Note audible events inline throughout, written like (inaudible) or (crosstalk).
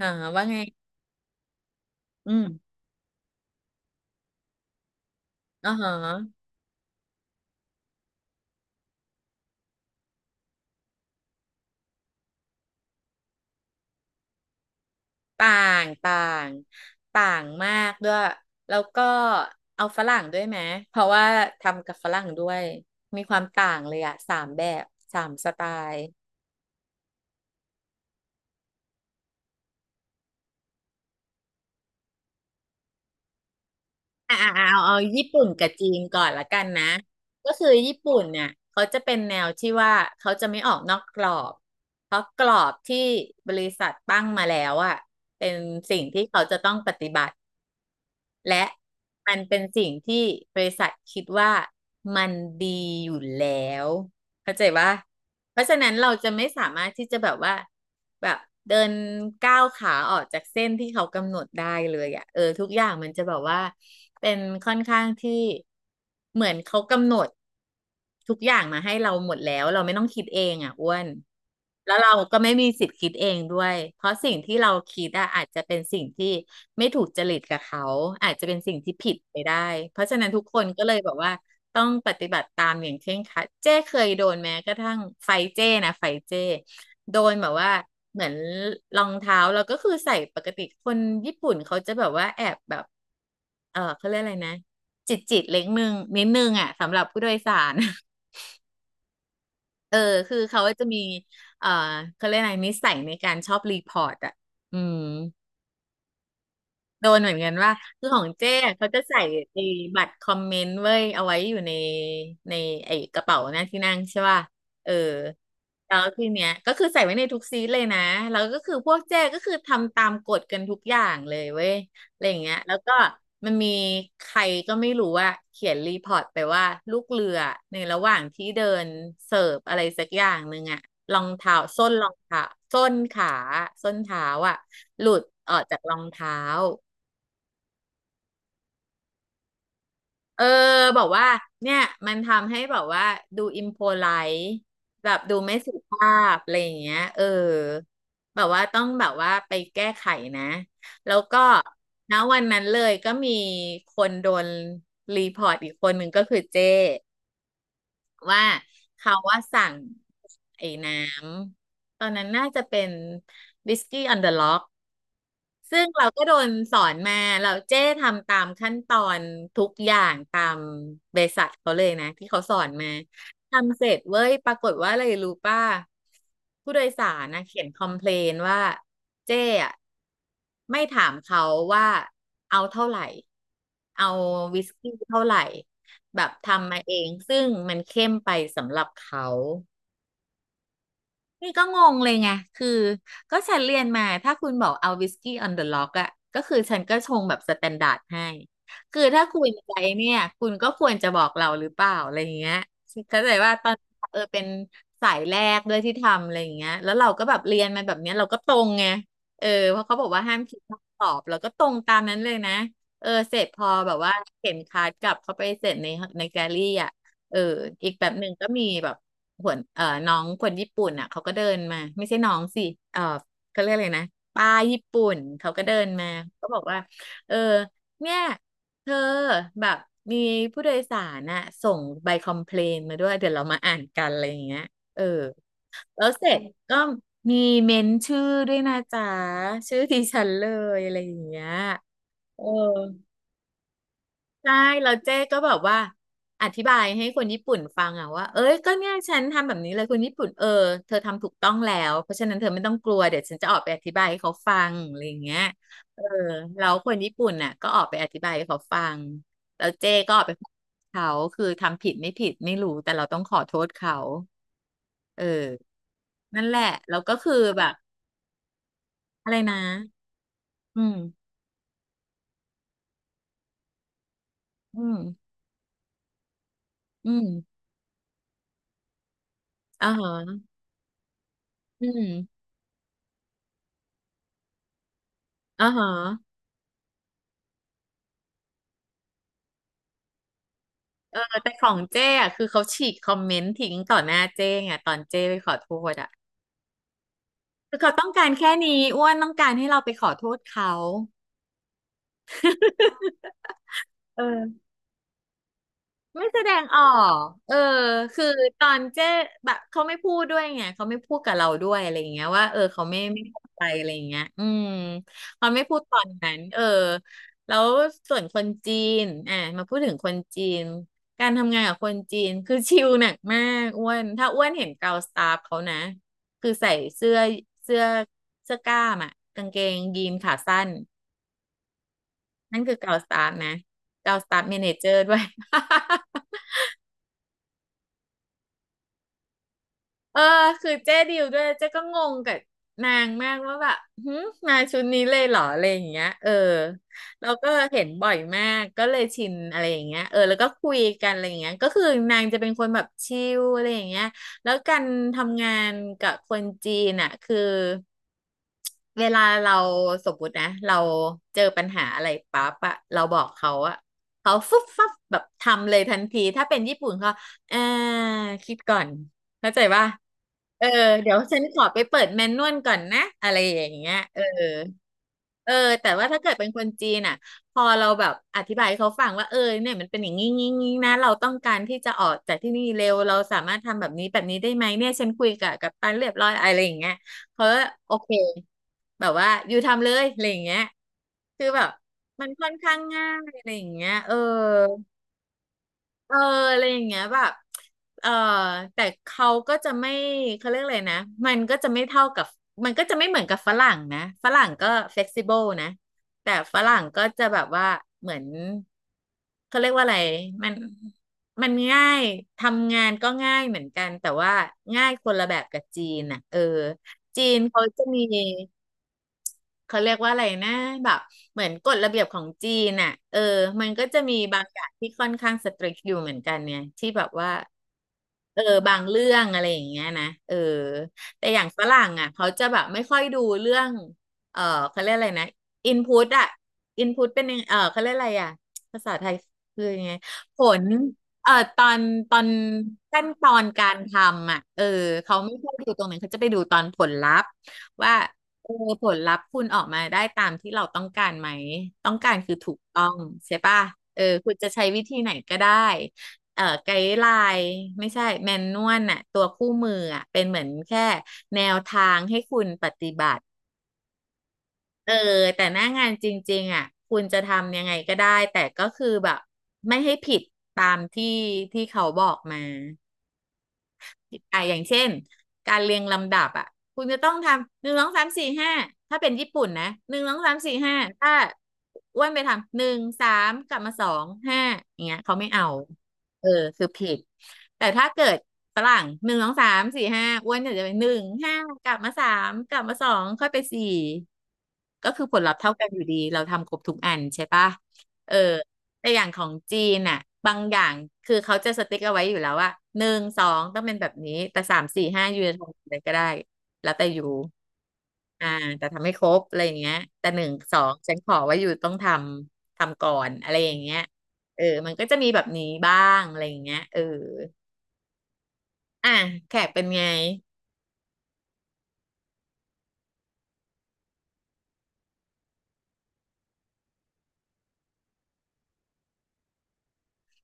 หาว่าไง อืมอ๋อหอต่าง ต่าง ต่างมากด้วยแล้วก็เอาฝรั่งด้วยไหม เพราะว่าทำกับฝรั่งด้วย มีความต่างเลยอะสามแบบ สามสไตล์เอาญี่ปุ่นกับจีนก่อนละกันนะก็คือญี่ปุ่นเนี่ยเขาจะเป็นแนวที่ว่าเขาจะไม่ออกนอกกรอบเพราะกรอบที่บริษัทตั้งมาแล้วอะเป็นสิ่งที่เขาจะต้องปฏิบัติ และมันเป็นสิ่งที่บริษัทคิดว่ามันดีอยู่แล้วเข้าใจว่า เพราะฉะนั้นเราจะไม่สามารถที่จะแบบว่าแบบเดินก้าวขาออกจากเส้นที่เขากำหนดได้เลยอ่ะเออทุกอย่างมันจะแบบว่าเป็นค่อนข้างที่เหมือนเขากำหนดทุกอย่างมาให้เราหมดแล้วเราไม่ต้องคิดเองอ่ะอ้วนแล้วเราก็ไม่มีสิทธิ์คิดเองด้วยเพราะสิ่งที่เราคิดอะอาจจะเป็นสิ่งที่ไม่ถูกจริตกับเขาอาจจะเป็นสิ่งที่ผิดไปได้เพราะฉะนั้นทุกคนก็เลยบอกว่า ต้องปฏิบัติตามอย่างเคร่งครัดเจ้เคยโดนแม้กระทั่งไฟเจ้นะไฟเจ้โดนแบบว่าเหมือนรองเท้าเราก็คือใส่ปกติคนญี่ปุ่นเขาจะแบบว่าแอบแบบเขาเรียกอะไรนะจิตเล็กนึงนิดนึงอ่ะสำหรับผู้โดยสาร (laughs) เออคือเขาจะมีเออเขาเรียกอะไรนิสัยในการชอบรีพอร์ตอ่ะอืม โดนเหมือนกันว่าคือของเจ้เขาจะใส่ไอ้บัตรคอมเมนต์เว้ยเอาไว้อยู่ในไอ้กระเป๋าหน้าที่นั่งใช่ป่ะเออแล้วทีเนี้ยก็คือใส่ไว้ในทุกซีทเลยนะแล้วก็คือพวกเจ้ก็คือทำตามกฎกันทุกอย่างเลยเว้ยอะไรอย่างเงี้ยแล้วก็มันมีใครก็ไม่รู้ว่าเขียนรีพอร์ตไปว่าลูกเรือในระหว่างที่เดินเสิร์ฟอะไรสักอย่างหนึ่งอะรองเท้าส้นรองเท้าส้นขาส้นเท้าอะหลุดออกจากรองเท้า เออบอกว่าเนี่ยมันทำให้แบบว่าดูอิมโพไลท์แบบดูไม่สุภาพอะไรอย่างเงี้ยเออแบบว่าต้องแบบว่าไปแก้ไขนะแล้วก็ณวันนั้นเลยก็มีคนโดนรีพอร์ตอีกคนหนึ่งก็คือเจ้ว่าเขาว่าสั่งไอ้น้ำตอนนั้นน่าจะเป็นวิสกี้ออนเดอะล็อก ซึ่งเราก็โดนสอนมาเราเจ้ทำตามขั้นตอนทุกอย่างตามบริษัทเขาเลยนะที่เขาสอนมาทำเสร็จเว้ยปรากฏว่าอะไรรู้ป่ะผู้โดยสารนะเขียนคอมเพลนว่าเจ้อะไม่ถามเขาว่าเอาเท่าไหร่เอาวิสกี้เท่าไหร่แบบทำมาเองซึ่งมันเข้มไปสำหรับเขา นี่ก็งงเลยไงคือก็ฉันเรียนมาถ้าคุณบอกเอาวิสกี้ออนเดอะล็อกอะก็คือฉันก็ชงแบบสแตนดาร์ดให้ คือถ้าคุณใจเนี่ยคุณก็ควรจะบอกเราหรือเปล่าอะไรอย่างเงี้ยเข้าใจว่าตอนเออเป็นสายแรกด้วยที่ทำอะไรอย่างเงี้ยแล้วเราก็แบบเรียนมาแบบเนี้ยเราก็ตรงไงเออเพราะเขาบอกว่าห้ามคิดห้ามตอบเราก็ตรงตามนั้นเลยนะเออเสร็จพอแบบว่าเข็นคาร์ดกลับเข้าไปเสร็จในแกลลี่อะเอออีกแบบหนึ่งก็มีแบบ หัวน้องคนญี่ปุ่นอ่ะเขาก็เดินมาไม่ใช่น้องสิเอ่อเขาเรียกอะไรนะป้าญี่ปุ่นเขาก็เดินมาเขาบอกว่าเออเนี่ยเธอแบบมีผู้โดยสารน่ะส่งใบคอมเพลนมาด้วยเดี๋ยวเรามาอ่านกันอะไรอย่างเงี้ยเออแล้วเสร็จก็มีเมนชื่อด้วยนะจ๊ะชื่อดิฉันเลยอะไรอย่างเงี้ยเออ ใช่แล้วเจ๊ก็แบบว่าอธิบายให้คนญี่ปุ่นฟังอะว่าเอ้ยก็เนี่ยฉันทำแบบนี้เลยคนญี่ปุ่นเออเธอทำถูกต้องแล้วเพราะฉะนั้นเธอไม่ต้องกลัวเดี๋ยวฉันจะออกไปอธิบายให้เขาฟังอะไรอย่างเงี้ยเออแล้วคนญี่ปุ่นน่ะก็ออกไปอธิบายให้เขาฟังแล้วเจ๊ก็ออกไปขอโทษเขาคือทำผิดไม่ผิดไม่รู้แต่เราต้องขอโทษเขาเออนั่นแหละแล้วก็คือแบบอะไรนะอืมอืมอืมอ่าฮะอืมอ่าฮะ เออแต่ของเจ้อะคือเขาฉีกคอมเมนต์ทิ้งต่อหน้าเจ้ไงตอนเจ้ไปขอโทษอ่ะคือเขาต้องการแค่นี้อ้วนต้องการให้เราไปขอโทษเขาเออ ไม่แสดงออกเออคือตอนเจ๊แบบเขาไม่พูดด้วยไง เขาไม่พูดกับเราด้วยอะไรอย่างเงี้ยว่าเออเขาไม่พอใจอะไรอย่างเงี้ยอืมเขาไม่พูดตอนนั้นเออแล้วส่วนคนจีนอ่ะมาพูดถึงคนจีนการทำงานกับคนจีนคือชิลหนักมากอ้วนถ้าอ้วนเห็นเกาสตาฟเขานะคือใส่เสื้อเสื้อเสื้อกล้ามอ่ะกางเกงยีนขาสั้นนั่นคือเกาสตาฟนะเกาสตาฟเมเนเจอร์ด้วย เออคือเจ๊ดิวด้วยเจ๊ก็งงกับนางมากว่าแบบหืมมาชุดนี้เลยเหรออะไรอย่างเงี้ยเออเราก็เห็นบ่อยมากก็เลยชินอะไรอย่างเงี้ยเออแล้วก็คุยกันอะไรอย่างเงี้ยก็คือนางจะเป็นคนแบบชิลอะไรอย่างเงี้ยแล้วการทำงานกับคนจีนอ่ะคือ เวลาเราสมมตินะเราเจอปัญหาอะไรปั๊บอะเราบอกเขาอะเขาฟึบฟับแบบทำเลยทันทีถ้าเป็นญี่ปุ่นเขาเออคิดก่อนเข้าใจป่ะเออเดี๋ยวฉันขอไปเปิดแมนนวลก่อนนะอะไรอย่างเงี้ยเออเออแต่ว่าถ้าเกิดเป็นคนจีนอ่ะพอเราแบบอธิบายให้เขาฟังว่าเออเนี่ยมันเป็นอย่างงี้งี้งี้นะเราต้องการที่จะออกจากที่นี่เร็วเราสามารถทำแบบนี้แบบนี้ได้ไหมเนี่ยฉันคุยกับกัปตันเรียบร้อยอะไรอย่างเงี้ย เขาก็โอเคแบบว่าอยู่ทำเลยอะไรอย่างเงี้ยคือแบบมันค่อนข้างง่ายอะไรอย่างเงี้ยเออ เอออะไรอย่างเงี้ยแบบเออแต่เขาก็จะไม่เขาเรียกอะไรนะมันก็จะไม่เท่ากับมันก็จะไม่เหมือนกับฝรั่งนะฝรั่งก็เฟ e ซิเบิลนะแต่ฝรั่งก็จะแบบว่าเหมือนเขาเรียกว่าอะไรมันมันง่ายทำงานก็ง่ายเหมือนกันแต่ว่าง่ายคนละแบบกับจีนอ่ะเออจีนเขาจะมี เขาเรียกว่าอะไรนะแบบเหมือนกฎระเบียบของจีนน่ะเออมันก็จะมีบางอย่างที่ค่อนข้างสตริกอยู่เหมือนกันเนี่ยที่แบบว่าเออบางเรื่องอะไรอย่างเงี้ยนะเออแต่อย่างฝรั่งอ่ะเขาจะแบบไม่ค่อยดูเรื่องเออเขาเรียกอะไรนะอินพุตอ่ะอินพุตเป็นยังเออเขาเรียกอะไรอ่ะภาษาไทยคือยังไงผลเอ่อตอนตอนขั้นตอนการทำอ่ะเออเขาไม่ค่อยดูตรงนั้นเขาจะไปดูตอนผลลัพธ์ ว่าเออผลลัพธ์คุณออกมาได้ตามที่เราต้องการไหมต้องการคือถูกต้องใช่ป่ะเออคุณจะใช้วิธีไหนก็ได้ไกด์ไลน์ไม่ใช่แมนนวลน่ะตัวคู่มืออ่ะเป็นเหมือนแค่แนวทางให้คุณปฏิบัติเออแต่หน้างานจริงๆอ่ะคุณจะทำยังไงก็ได้แต่ก็คือแบบไม่ให้ผิดตามที่เขาบอกมา อ่ะอย่างเช่นการเรียงลำดับอ่ะคุณจะต้องทำหนึ่งสองสามสี่ห้าถ้าเป็นญี่ปุ่นนะหนึ่งสองสามสี่ห้าถ้าอ้วนไปทำหนึ่งสามกลับมาสองห้าอย่างเงี้ยเขาไม่เอาเออคือผิดแต่ถ้าเกิดฝรั่งหนึ่งสองสามสี่ห้าอ้วนเนี่ยจะเป็นหนึ่งห้ากลับมาสามกลับมาสองค่อยไปสี่ก็คือผลลัพธ์เท่ากันอยู่ดีเราทำครบทุกอันใช่ปะเออ แต่อย่างของจีนน่ะบางอย่างคือเขาจะสติ๊กเอาไว้อยู่แล้วว่าหนึ่งสองต้องเป็นแบบนี้แต่สามสี่ห้ายูจะทำอะไรก็ได้แล้วแต่อยู่อ่าแต่ทำให้ครบอะไรอย่างเงี้ยแต่หนึ่งสองฉันขอว่าอยู่ต้องทำก่อนอะไรอย่างเงี้ยเออมันก็จะมีแบบนี้บ้างอะไรอย่างเงี้ยเอออ่ะแขกเป็นไง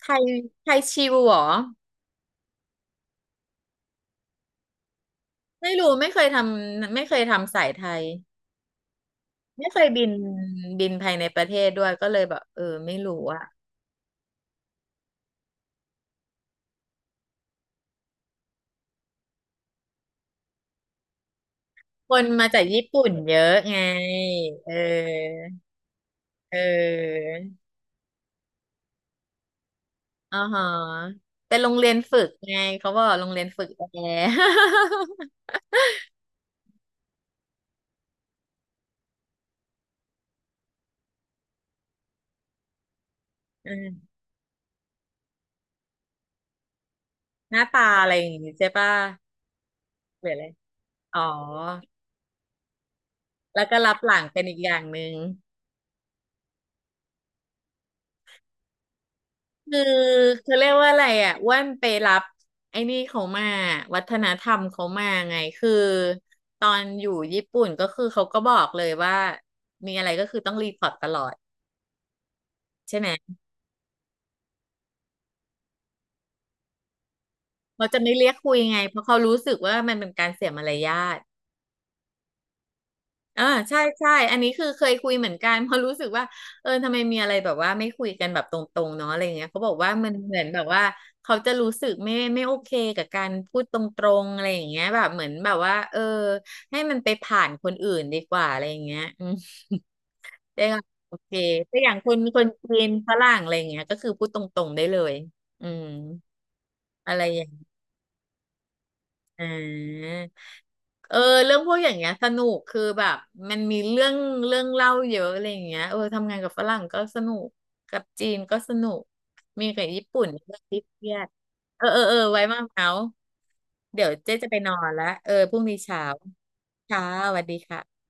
ไทยไทยชิวเหรอไม่รู้ไม่เคยทำสายไทยไม่เคยบินภายในประเทศด้วยก็เลยแบบเออไม่รู้อะ คนมาจากญี่ปุ่นเยอะไงเออเอออ๋อฮะเป็นโรงเรียนฝึกไงเขาบอกโรงเรียนฝึกแอร์ (laughs) อืมหน้าตาอะไรอย่างงี้ใช่ป่ะเปลี่ยนเลยอ๋อ แล้วก็รับหลังเป็นอีกอย่างหนึ่ง คือเขาเรียกว่าอะไรอ่ะอ้วนไปรับไอ้นี่เขามาวัฒนธรรมเขามาไงคือตอนอยู่ญี่ปุ่นก็คือเขาก็บอกเลยว่ามีอะไรก็คือต้องรีพอร์ตตลอดใช่ไหม เขาจะไม่เรียกคุยไงเพราะเขารู้สึกว่ามันเป็นการเสียมารยาทอ่าใช่ใช่อันนี้คือเคยคุยเหมือนกันเพราะรู้สึกว่าเออทำไมมีอะไรแบบว่าไม่คุยกันแบบตรงๆเนาะอะไรเงี้ยเขาบอกว่ามันเหมือนแบบว่าเขาจะรู้สึกไม่โอเคกับการพูดตรงๆอะไรอย่างเงี้ยแบบเหมือนแบบว่าเออให้มันไปผ่านคนอื่นดีกว่าอะไรอย่างเงี้ยอืม (laughs) ได้ค่ะโอเคแต่อย่างคนจีนฝรั่งอะไรอย่างเงี้ยก็คือพูดตรงๆได้เลยอืมอะไรอย่าง อ่าเออเรื่องพวกอย่างเงี้ยสนุกคือแบบมันมีเรื่องเล่าเยอะอะไรอย่างเงี้ยเออทำงานกับฝรั่งก็สนุกกับจีนก็สนุกมีกับญี่ปุ่นเรื่องที่เครียดเออไว้มาเมาส์เดี๋ยวเจ๊จะไปนอนละเออพรุ่งนี้เช้าค่ะสวัสดีค่ะ